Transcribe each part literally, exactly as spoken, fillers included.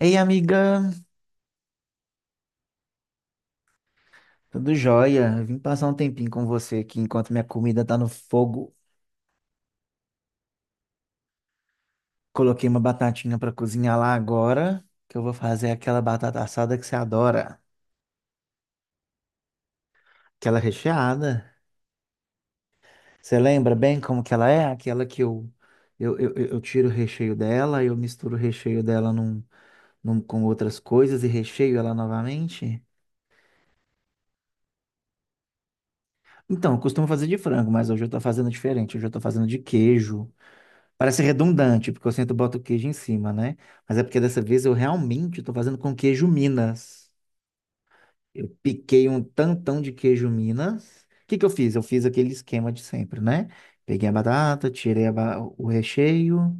Ei, amiga, tudo jóia? Eu vim passar um tempinho com você aqui enquanto minha comida tá no fogo. Coloquei uma batatinha pra cozinhar lá agora, que eu vou fazer aquela batata assada que você adora, aquela recheada. Você lembra bem como que ela é? Aquela que eu eu, eu, eu eu tiro o recheio dela, eu misturo o recheio dela num, num- com outras coisas e recheio ela novamente. Então, eu costumo fazer de frango, mas hoje eu tô fazendo diferente. Hoje eu tô fazendo de queijo. Parece redundante, porque eu sempre boto queijo em cima, né? Mas é porque dessa vez eu realmente estou fazendo com queijo Minas. Eu piquei um tantão de queijo Minas. O que que eu fiz? Eu fiz aquele esquema de sempre, né? Peguei a batata, tirei a ba- o recheio,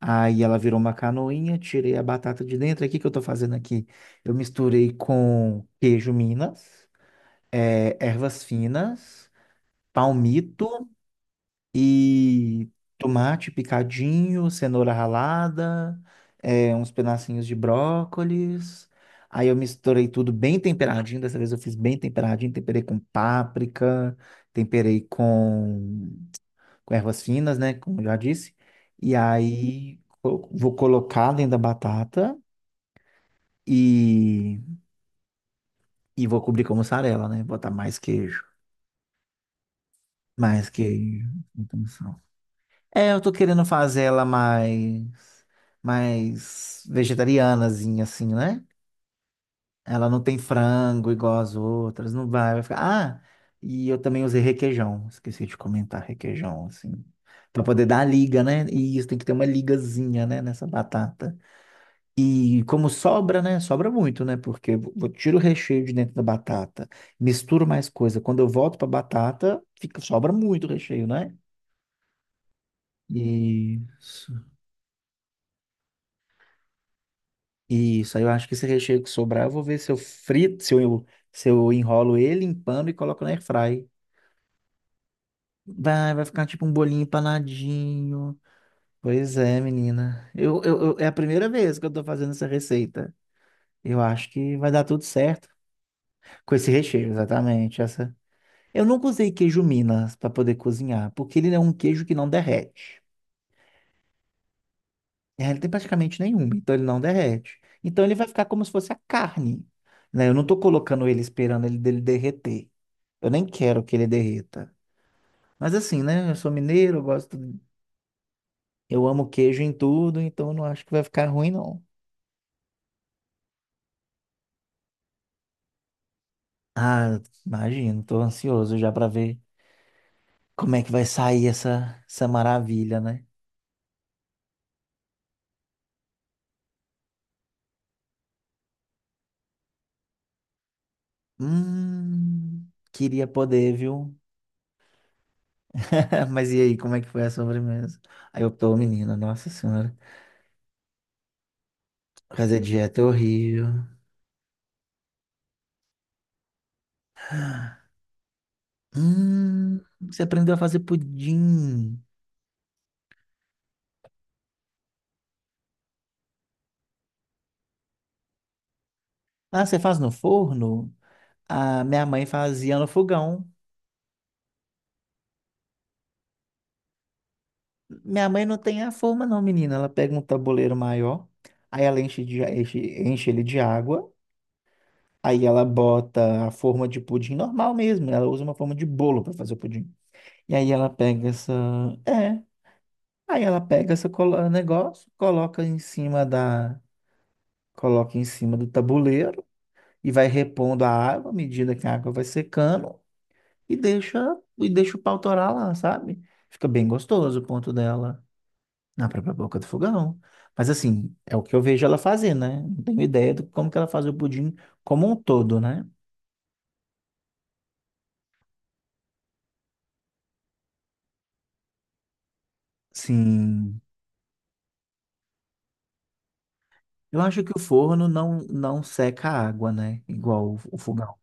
aí ela virou uma canoinha, tirei a batata de dentro. Aí o que que eu estou fazendo aqui? Eu misturei com queijo Minas, eh, ervas finas, palmito e tomate picadinho, cenoura ralada, é, uns pedacinhos de brócolis. Aí eu misturei tudo bem temperadinho. Dessa vez eu fiz bem temperadinho. Temperei com páprica, temperei com, com ervas finas, né? Como eu já disse. E aí co- vou colocar dentro da batata e, e vou cobrir com mussarela, né? Botar mais queijo. Mais queijo. É, eu tô querendo fazer ela mais, mais vegetarianazinha, assim, né? Ela não tem frango igual as outras, não vai, vai ficar. Ah, e eu também usei requeijão, esqueci de comentar requeijão, assim, pra poder dar a liga, né? E isso tem que ter uma ligazinha, né, nessa batata. E como sobra, né? Sobra muito, né? Porque eu eu tiro o recheio de dentro da batata, misturo mais coisa. Quando eu volto pra batata, fica, sobra muito recheio, né? E. Isso, aí eu acho que esse recheio que sobrar, eu vou ver se eu frito, se eu, se eu enrolo ele em pano e coloco na airfry. Vai, vai ficar tipo um bolinho empanadinho. Pois é, menina. Eu, eu, eu- é a primeira vez que eu tô fazendo essa receita. Eu acho que vai dar tudo certo com esse recheio, exatamente. Essa... Eu nunca usei queijo Minas para poder cozinhar, porque ele é um queijo que não derrete. É, ele tem praticamente nenhuma, então ele não derrete. Então ele vai ficar como se fosse a carne, né? Eu não tô colocando ele esperando ele dele derreter. Eu nem quero que ele derreta. Mas assim, né? Eu sou mineiro, eu gosto. Eu amo queijo em tudo, então eu não acho que vai ficar ruim, não. Ah, imagino, tô ansioso já pra ver como é que vai sair essa, essa maravilha, né? Hum, queria poder, viu? Mas e aí, como é que foi a sobremesa? Aí eu tô, menina, nossa senhora. Fazer dieta é horrível. Hum, você aprendeu a fazer pudim. Ah, você faz no forno? A minha mãe fazia no fogão. Minha mãe não tem a forma, não, menina. Ela pega um tabuleiro maior, aí ela enche, de, enche, enche ele de água, aí ela bota a forma de pudim normal mesmo, né? Ela usa uma forma de bolo para fazer o pudim. E aí ela pega essa. É. Aí ela pega esse negócio, coloca em cima da. Coloca em cima do tabuleiro e vai repondo a água à medida que a água vai secando e deixa, e deixa, o pau torar lá, sabe? Fica bem gostoso o ponto dela. Na própria boca do fogão. Mas assim, é o que eu vejo ela fazer, né? Não tenho ideia de como que ela faz o pudim como um todo, né? Sim. Eu acho que o forno não, não seca a água, né? Igual o o fogão.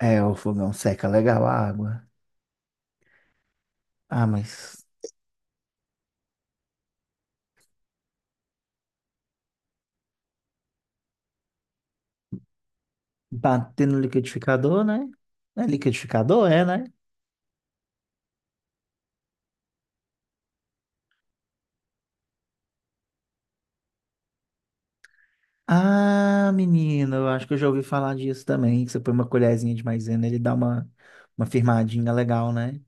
É, o fogão seca legal a água. Ah, mas bater no liquidificador, né? É liquidificador, é, né? Ah, menino, eu acho que eu já ouvi falar disso também. Que você põe uma colherzinha de maisena, ele dá uma, uma firmadinha legal, né?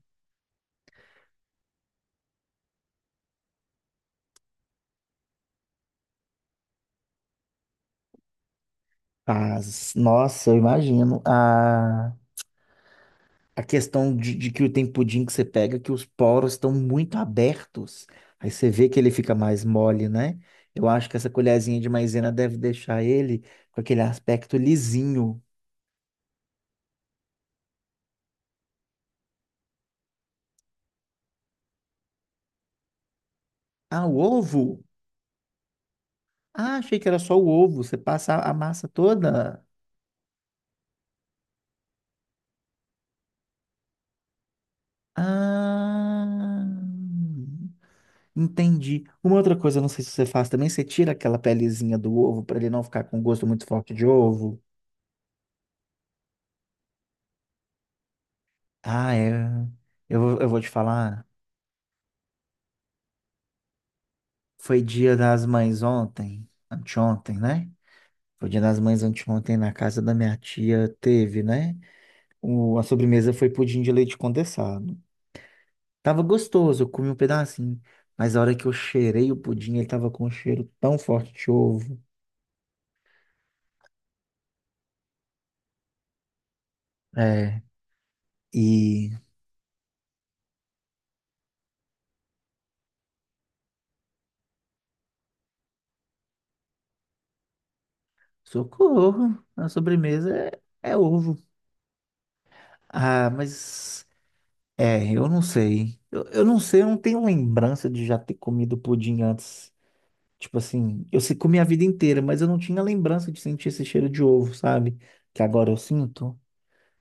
Faz. Nossa, eu imagino. Ah. A questão de, de que o tem pudim que você pega, que os poros estão muito abertos. Aí você vê que ele fica mais mole, né? Eu acho que essa colherzinha de maisena deve deixar ele com aquele aspecto lisinho. Ah, o ovo? Ah, achei que era só o ovo. Você passa a a massa toda. Ah, entendi. Uma outra coisa, não sei se você faz também, você tira aquela pelezinha do ovo para ele não ficar com gosto muito forte de ovo. Ah, é. Eu, eu vou te falar. Foi dia das mães ontem, anteontem, né? Foi dia das mães anteontem na casa da minha tia, teve, né? O, a sobremesa foi pudim de leite condensado. Tava gostoso, eu comi um pedacinho, mas a hora que eu cheirei o pudim, ele tava com um cheiro tão forte de ovo. É, e socorro, a sobremesa é, é ovo. Ah, mas é, eu não sei. Eu, eu não sei, eu não tenho lembrança de já ter comido pudim antes. Tipo assim, eu se- comi a vida inteira, mas eu não tinha lembrança de sentir esse cheiro de ovo, sabe? Que agora eu sinto.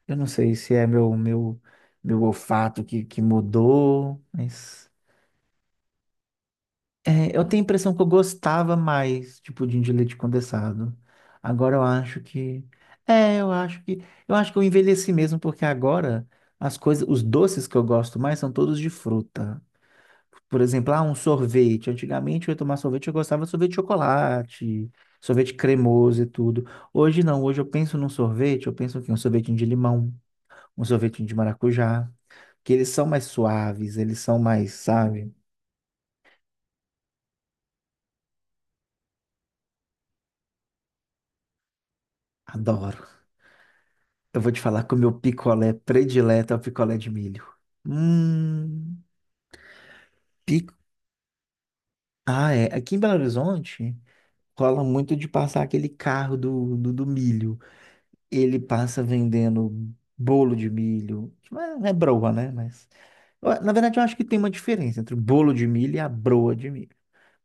Eu não sei se é meu meu meu olfato que, que mudou, mas é, eu tenho a impressão que eu gostava mais tipo, de pudim de leite condensado. Agora eu acho que é, eu acho que eu acho que eu envelheci mesmo porque agora as coisas, os doces que eu gosto mais são todos de fruta. Por exemplo, ah, um sorvete. Antigamente eu ia tomar sorvete, eu gostava de sorvete de chocolate, sorvete cremoso e tudo. Hoje não, hoje eu penso num sorvete, eu penso que um sorvetinho de limão, um sorvetinho de maracujá, que eles são mais suaves, eles são mais, sabe? Adoro. Eu vou te falar que o meu picolé predileto é o picolé de milho. Hum, pico. Ah, é. Aqui em Belo Horizonte rola muito de passar aquele carro do, do do milho. Ele passa vendendo bolo de milho, que não é não é broa, né? Mas, eu- na verdade, eu acho que tem uma diferença entre o bolo de milho e a broa de milho.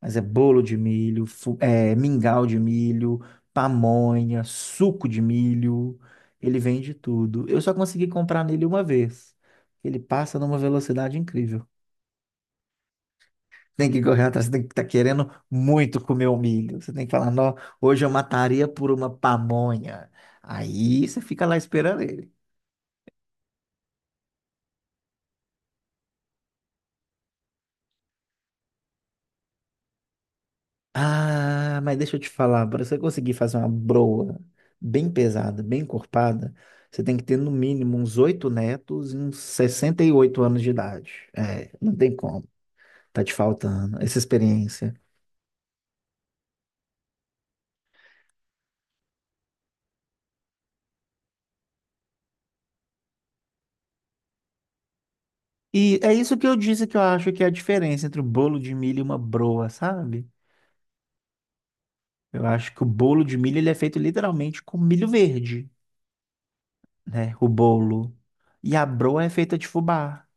Mas é bolo de milho, fu- é, mingau de milho, pamonha, suco de milho. Ele vende tudo. Eu só consegui comprar nele uma vez. Ele passa numa velocidade incrível. Tem que correr atrás, tem que estar querendo muito comer o milho. Você tem que falar, não, hoje eu mataria por uma pamonha. Aí você fica lá esperando ele. Ah, mas deixa eu te falar, para você conseguir fazer uma broa bem pesada, bem encorpada, você tem que ter no mínimo uns oito netos e uns sessenta e oito anos de idade. É, não tem como. Tá te faltando essa experiência. E é isso que eu disse que eu acho que é a diferença entre o bolo de milho e uma broa, sabe? Eu acho que o bolo de milho ele é feito literalmente com milho verde, né? O bolo. E a broa é feita de fubá.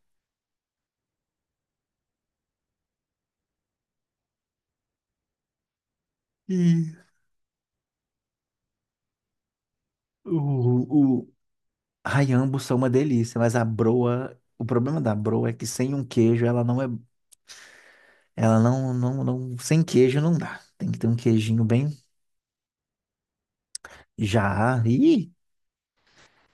E o, o, Ai, ambos são uma delícia, mas a broa, o problema da broa é que sem um queijo ela não é, ela não, não, não, sem queijo não dá. Tem que ter um queijinho bem já. Ih,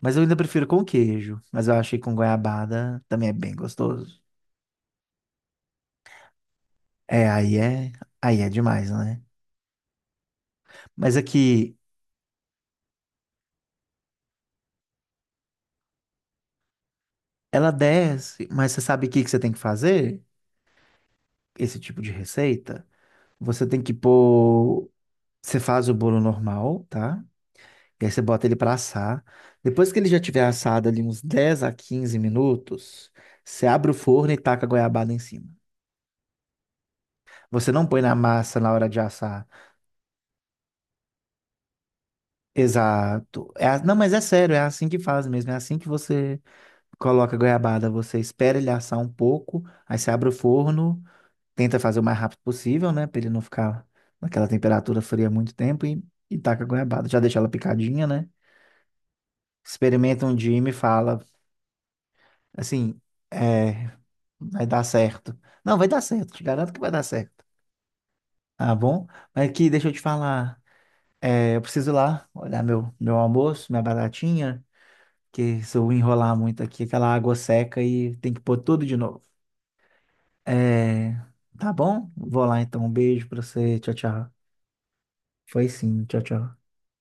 mas eu ainda prefiro com queijo, mas eu acho que com goiabada também é bem gostoso. É, aí é, aí é demais, né? Mas aqui ela desce, mas você sabe o que que você tem que fazer? Esse tipo de receita, você tem que pôr, você faz o bolo normal, tá? E aí você bota ele pra assar. Depois que ele já tiver assado ali uns dez a quinze minutos, você abre o forno e taca a goiabada em cima. Você não põe na massa na hora de assar. Exato. É a- Não, mas é sério, é assim que faz mesmo. É assim que você coloca a goiabada. Você espera ele assar um pouco, aí você abre o forno, tenta fazer o mais rápido possível, né? Pra ele não ficar naquela temperatura fria muito tempo e, e taca a goiabada. Já deixa ela picadinha, né? Experimenta um dia e me fala. Assim, é. Vai dar certo. Não, vai dar certo. Te garanto que vai dar certo. Tá bom? Mas aqui, deixa eu te falar. É, eu preciso ir lá olhar meu, meu almoço, minha batatinha, que se eu enrolar muito aqui, aquela água seca e tem que pôr tudo de novo. É, tá bom? Vou lá então. Um beijo pra você. Tchau, tchau. Foi sim. Tchau, tchau.